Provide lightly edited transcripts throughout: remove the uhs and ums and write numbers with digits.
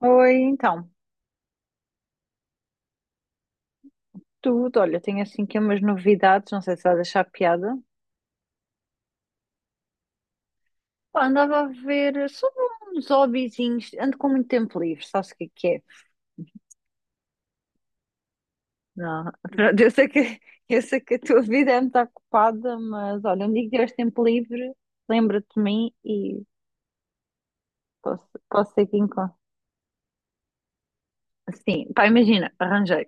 Oi, então, tudo. Olha, tenho assim aqui umas novidades, não sei se vais achar piada. Pá, andava a ver sobre uns hobbyzinhos, ando com muito tempo livre, sabes o que é que é? Não, pronto, eu sei que a tua vida é muito ocupada, mas olha, um dia que tiveres tempo livre, lembra-te de mim e posso ter aqui em con- Sim, pá, imagina, arranjei.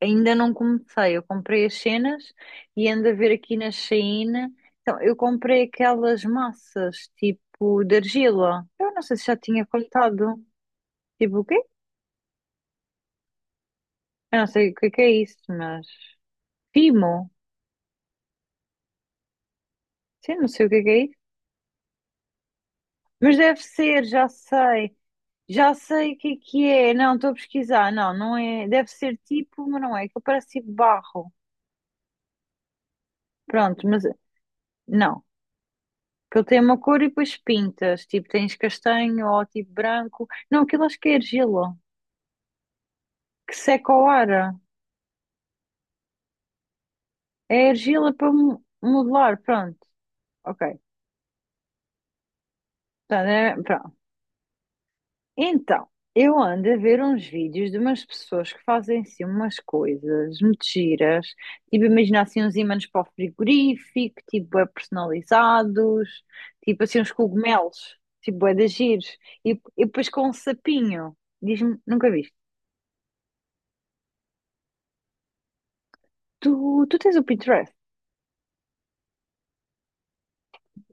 Ainda não comecei. Eu comprei as cenas e ando a ver aqui na Shein. Então, eu comprei aquelas massas tipo de argila. Eu não sei se já tinha contado. Tipo o quê? Eu não sei o que é isso, mas. Pimo? Sim, não sei o que é isso. Mas deve ser, já sei. Já sei o que é que é. Não, estou a pesquisar. Não, não é. Deve ser tipo, mas não é. Que parece tipo barro. Pronto, mas. Não. Que ele tem uma cor e depois pintas. Tipo, tens castanho ou tipo branco. Não, aquilo acho que é argila. Que seca ao ar. É argila para mo- modelar. Pronto. Ok. Portanto, é- pronto. Então, eu ando a ver uns vídeos de umas pessoas que fazem assim umas coisas muito giras. Tipo, imagina assim uns ímãs para o frigorífico. Tipo, é personalizados. Tipo assim uns cogumelos. Tipo, é de giros. E, depois com um sapinho. Diz-me, nunca viste? Tu, tu tens o Pinterest?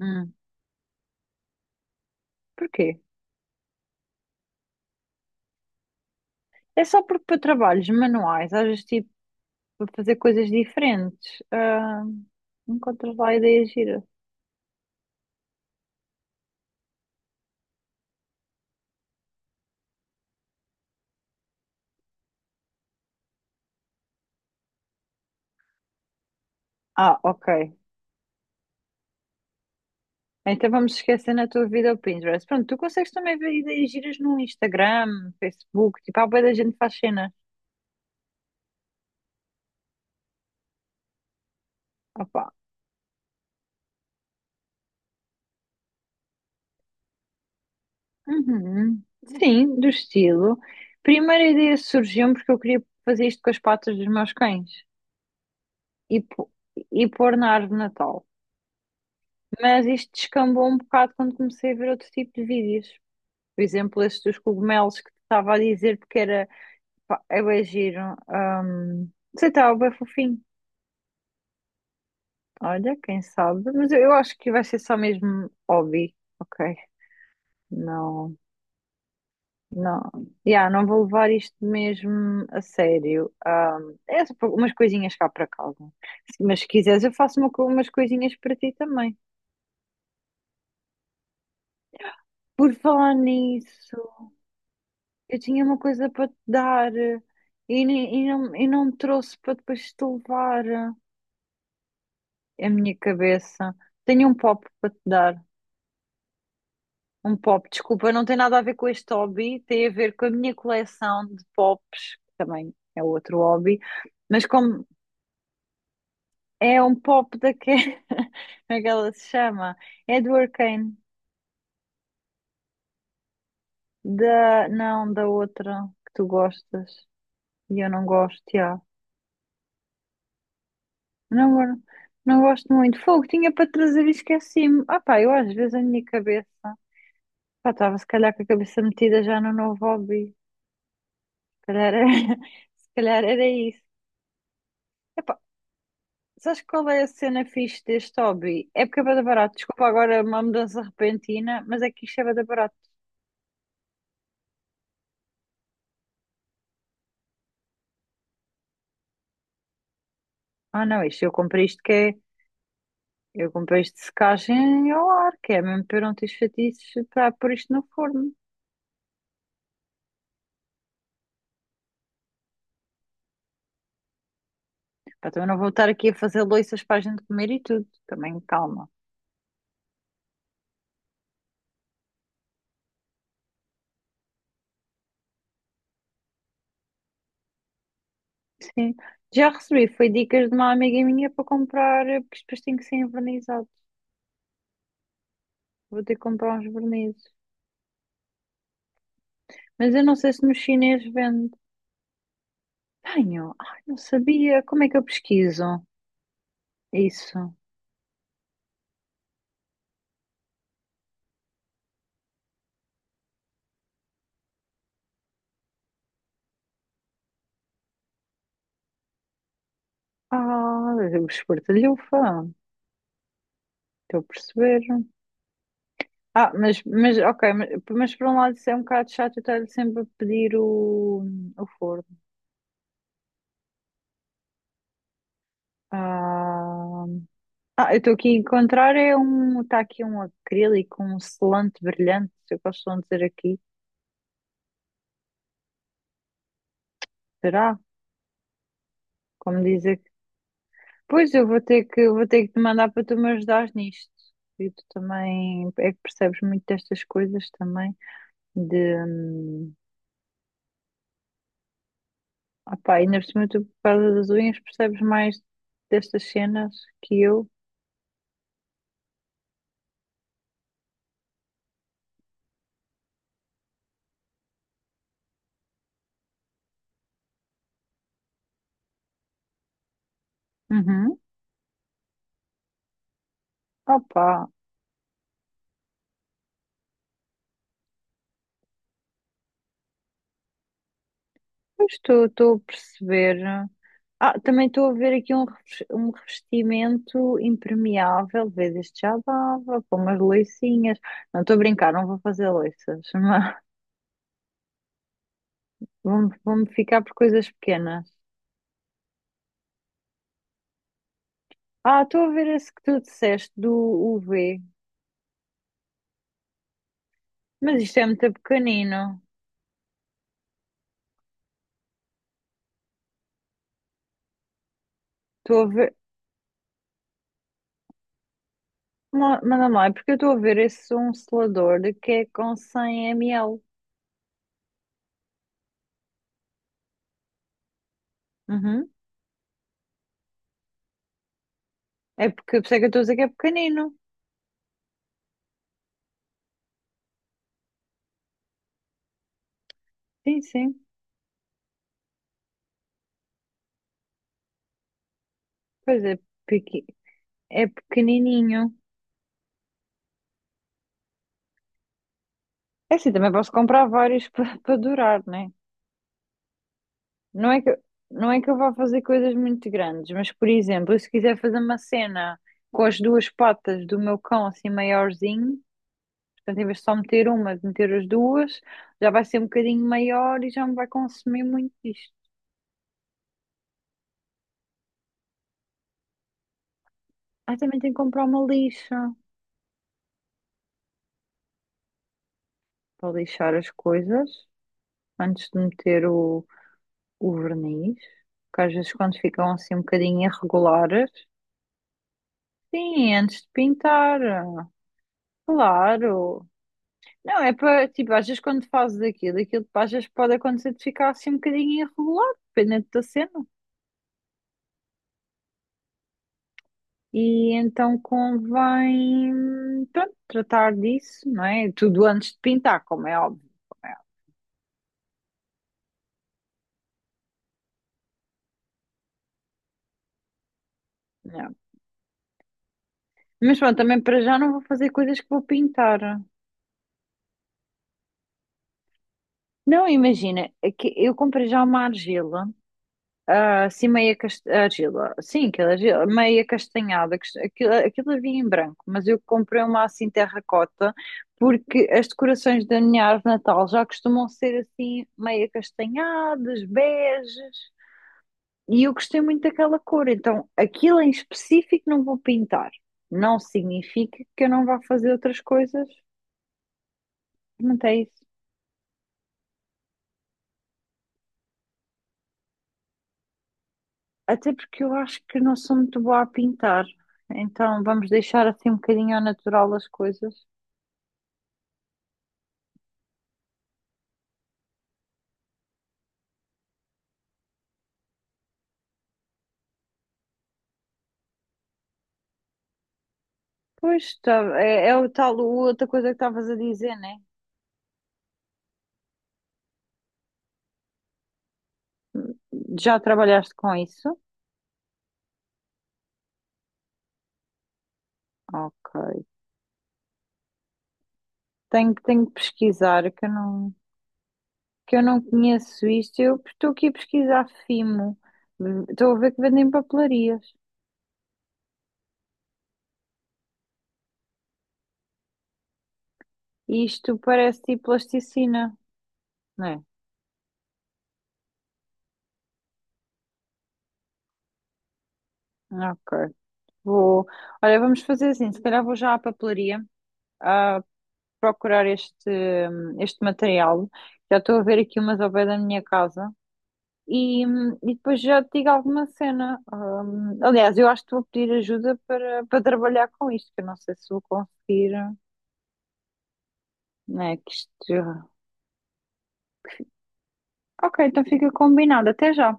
Hum, porquê? É só porque para trabalhos manuais, às vezes tipo para fazer coisas diferentes, encontras lá ideias giras. Ah, ok. Então vamos esquecer na tua vida o Pinterest. Pronto, tu consegues também ver ideias giras no Instagram, Facebook, tipo, há bué da gente que faz cena. Opa. Uhum. Sim, do estilo. Primeira ideia surgiu porque eu queria fazer isto com as patas dos meus cães e, pô- e pôr na árvore de Natal. Mas isto descambou um bocado quando comecei a ver outro tipo de vídeos. Por exemplo, esses dos cogumelos que te estava a dizer, porque era, pá, é bem giro. Não sei, estava bem fofinho. Olha, quem sabe. Mas eu acho que vai ser só mesmo hobby. Ok. Não, não. Yeah, não vou levar isto mesmo a sério. É só umas coisinhas cá para casa. Se- Mas se quiseres, eu faço uma co- umas coisinhas para ti também. Por falar nisso, eu tinha uma coisa para te dar e, nem- e não me trouxe para depois te levar. A minha cabeça. Tenho um pop para te dar. Um pop, desculpa, não tem nada a ver com este hobby, tem a ver com a minha coleção de pops, que também é outro hobby, mas como é um pop da que, como é que ela se chama? É do Arcane, da, não, da outra que tu gostas e eu não gosto, já. Não, eu não gosto muito. Fogo, tinha para trazer e esqueci-me. Ah pá, eu às vezes a minha cabeça, pá, estava se calhar com a cabeça metida já no novo hobby. Calhar era, se calhar era isso. Epá, sabes qual é a cena fixe deste hobby? É porque é bué da barato. Desculpa agora uma mudança repentina, mas é que isto é bué da barato. Ah não, isto eu comprei isto que é. Eu comprei isto de secagem ao ar, que é mesmo para eu não ter chatices para pôr isto no forno. Pá, também não vou estar aqui a fazer louças para a gente comer e tudo. Também calma. Sim. Já recebi, foi dicas de uma amiga minha para comprar, porque isto depois tem que ser envernizado. Vou ter que comprar uns vernizes. Mas eu não sei se no chinês vende. Tenho. Ai, não sabia. Como é que eu pesquiso isso? Ah, os Portalhufa. Estou a perceber. Ah, mas ok, mas por um lado isso é um bocado chato eu estar sempre a pedir o forno. Ah, ah, eu estou aqui a encontrar é um, está aqui um acrílico, um selante brilhante, se eu posso dizer aqui. Será? Como dizer que. Pois eu vou ter que te mandar para tu me ajudares nisto. E tu também é que percebes muito destas coisas também. De opá, ainda por cima tu por causa das unhas percebes mais destas cenas que eu. Uhum. Opá, pois estou a perceber. Ah, também estou a ver aqui um, revest- um revestimento impermeável, vês, este já dava, com umas loicinhas. Não estou a brincar, não vou fazer loiças, mas vou-me ficar por coisas pequenas. Ah, estou a ver esse que tu disseste do UV, mas isto é muito pequenino. Estou a ver. Ma- Manda lá, é porque eu estou a ver esse um selador de que é com 100 ml. Uhum. É porque, por isso é que eu estou a dizer que é pequenino. Sim, sim. Pois é, pequi- é pequenininho. É assim, também posso comprar vários para durar, né? Não é que, não é que eu vá fazer coisas muito grandes, mas, por exemplo, se quiser fazer uma cena com as duas patas do meu cão assim maiorzinho, portanto, em vez de só meter uma, de meter as duas, já vai ser um bocadinho maior e já me vai consumir muito isto. Ah, também tenho que comprar uma lixa. Para lixar as coisas antes de meter o verniz, porque às vezes quando ficam assim um bocadinho irregulares, sim, é antes de pintar, claro. Não, é para, tipo, às vezes quando fazes aquilo, aquilo às vezes pode acontecer de ficar assim um bocadinho irregular, dependendo da cena. E então convém, pronto, tratar disso, não é? Tudo antes de pintar, como é óbvio. Como é óbvio, não é? Mas pronto, também para já não vou fazer coisas que vou pintar. Não, imagina, é que eu comprei já uma argila, assim meia cast... argila, sim, aquela argila, meia castanhada, cas- aquilo, aquilo havia em branco, mas eu comprei uma assim terracota, porque as decorações da minha árvore de Natal já costumam ser assim meia castanhadas, beges, e eu gostei muito daquela cor, então aquilo em específico não vou pintar, não significa que eu não vá fazer outras coisas, não é isso. Até porque eu acho que não sou muito boa a pintar, então vamos deixar assim um bocadinho ao natural as coisas. Pois, tá, é, é o tal, outra coisa que estavas a dizer, né? Já trabalhaste com isso? Ok. Tenho que pesquisar, que eu não conheço isto. Eu estou aqui a pesquisar Fimo. Estou a ver que vendem papelarias. E isto parece tipo plasticina, não é? Ok. Vou. Olha, vamos fazer assim, se calhar vou já à papelaria. Ah, procurar este, este material. Já estou a ver aqui umas ao pé da minha casa. E depois já te digo alguma cena. Aliás, eu acho que vou pedir ajuda para, para trabalhar com isto, que eu não sei se vou conseguir. Né, que isto... Ok, então fica combinado. Até já.